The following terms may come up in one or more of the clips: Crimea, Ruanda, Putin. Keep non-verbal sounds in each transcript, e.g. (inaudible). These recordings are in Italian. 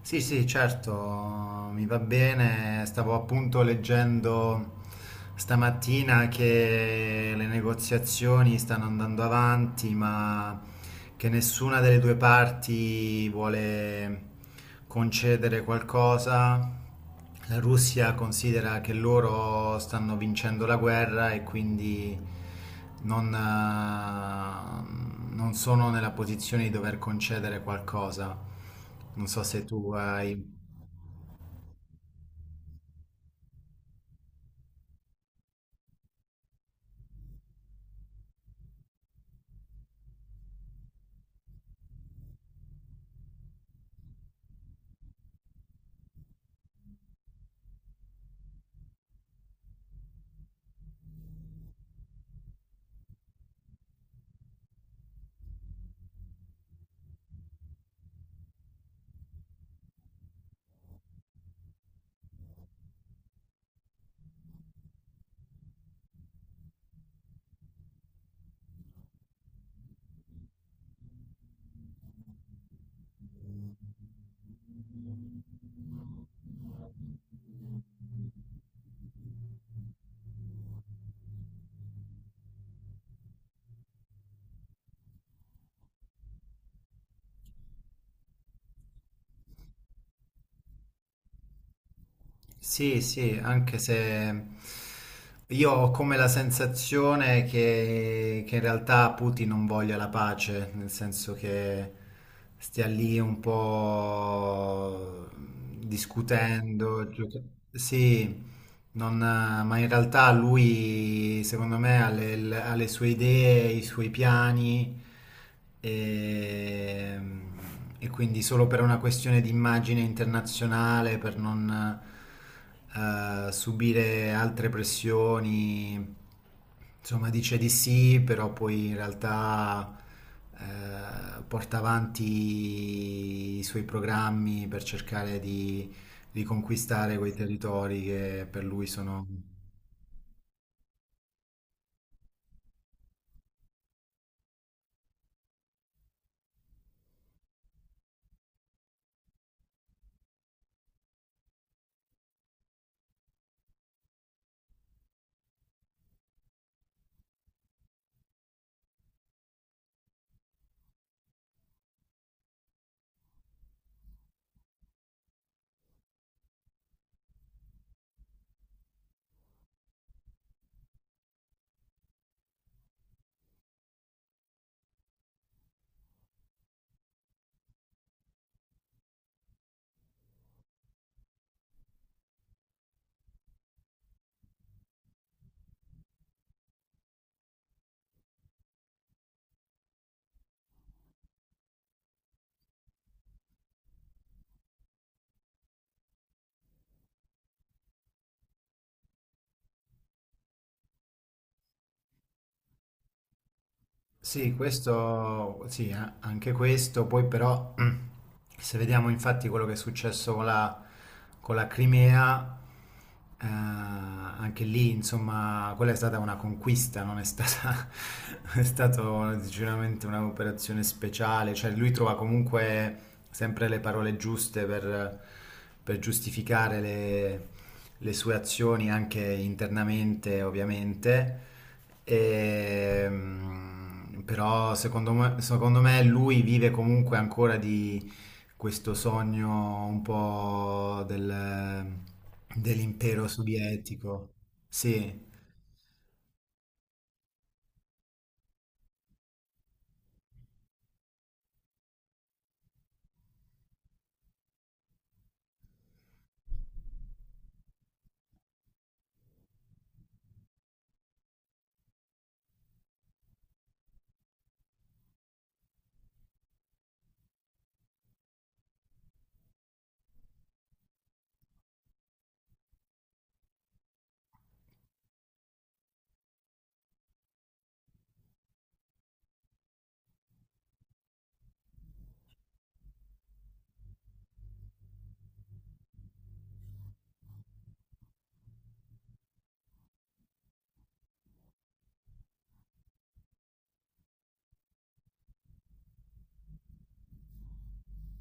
Sì, sì, certo, mi va bene. Stavo appunto leggendo stamattina che le negoziazioni stanno andando avanti, ma che nessuna delle due parti vuole concedere qualcosa. La Russia considera che loro stanno vincendo la guerra e quindi non, non sono nella posizione di dover concedere qualcosa. Non so se tu hai... Sì, sì, anche se io ho come la sensazione che in realtà Putin non voglia la pace, nel senso che stia lì un po' discutendo. Sì, non, ma in realtà lui, secondo me, ha ha le sue idee, i suoi piani e, e quindi solo per una questione di immagine internazionale, per non subire altre pressioni, insomma, dice di sì, però poi in realtà porta avanti i suoi programmi per cercare di riconquistare quei territori che per lui sono... Sì, questo, sì, anche questo, poi però (clears throat) se vediamo infatti quello che è successo con la Crimea, anche lì insomma quella è stata una conquista, non è stata, (laughs) è stata sicuramente un'operazione speciale, cioè lui trova comunque sempre le parole giuste per giustificare le sue azioni anche internamente ovviamente. E, però secondo me lui vive comunque ancora di questo sogno un po' dell'impero sovietico. Sì.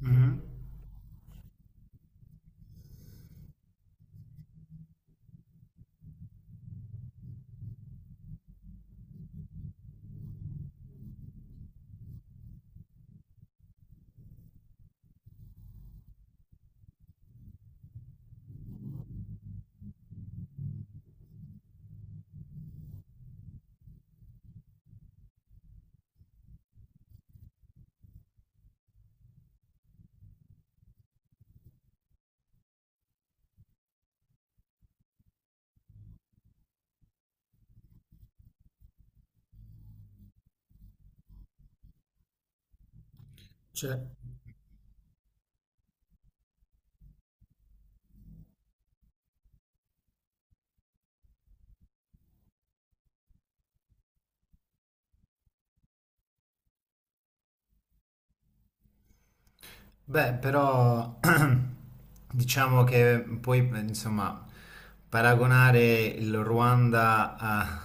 Mhm. Cioè. Beh, però (clears throat) diciamo che poi, insomma, paragonare il Ruanda a,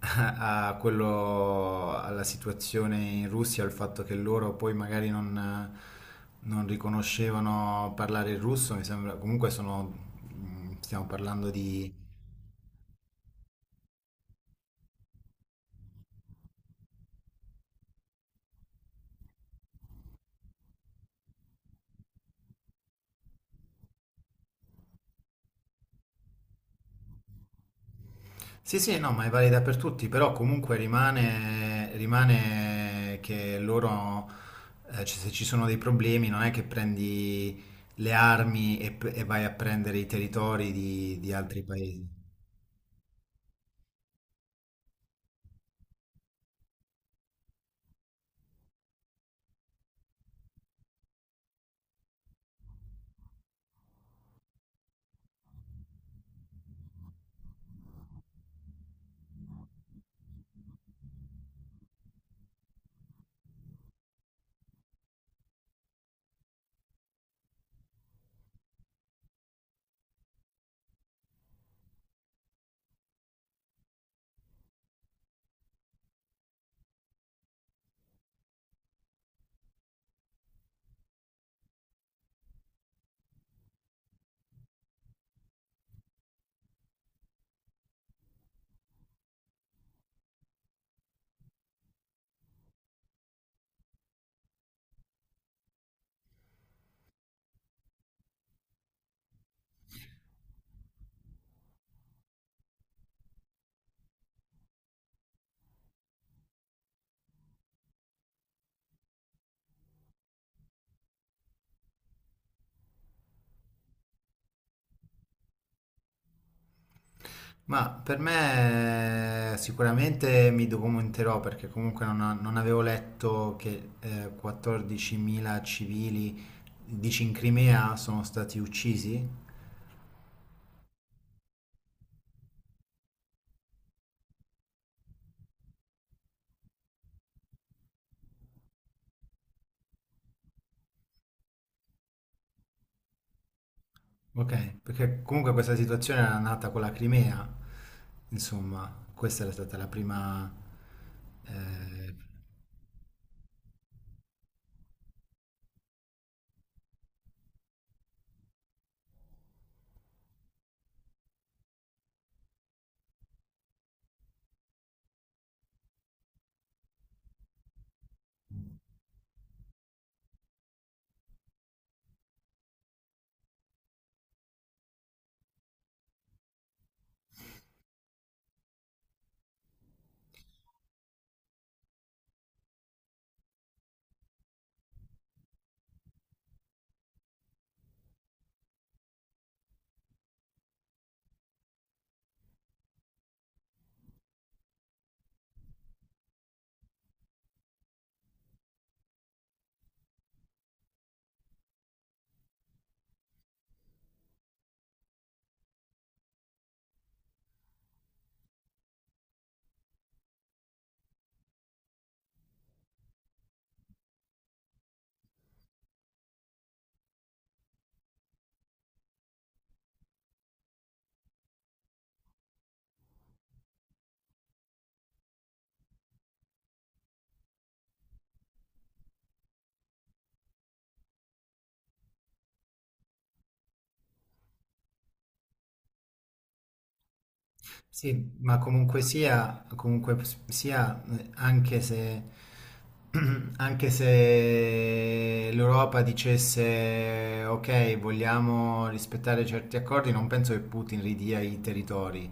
(laughs) a quello, alla situazione in Russia, al fatto che loro poi magari non, non riconoscevano parlare il russo, mi sembra, comunque sono, stiamo parlando di sì, sì, no, ma è valida per tutti, però comunque rimane, rimane che loro, se ci sono dei problemi, non è che prendi le armi e vai a prendere i territori di altri paesi. Ma per me sicuramente mi documenterò perché comunque non, non avevo letto che 14.000 civili, dici in Crimea, sono stati uccisi? Ok, perché comunque questa situazione era nata con la Crimea, insomma, questa era stata la prima... Eh, sì, ma comunque sia, anche se, (clears throat) anche se l'Europa dicesse ok, vogliamo rispettare certi accordi, non penso che Putin ridia i territori.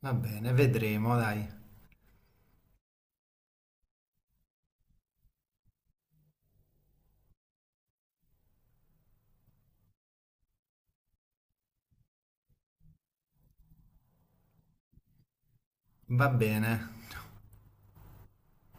Va bene, vedremo, dai. Va bene.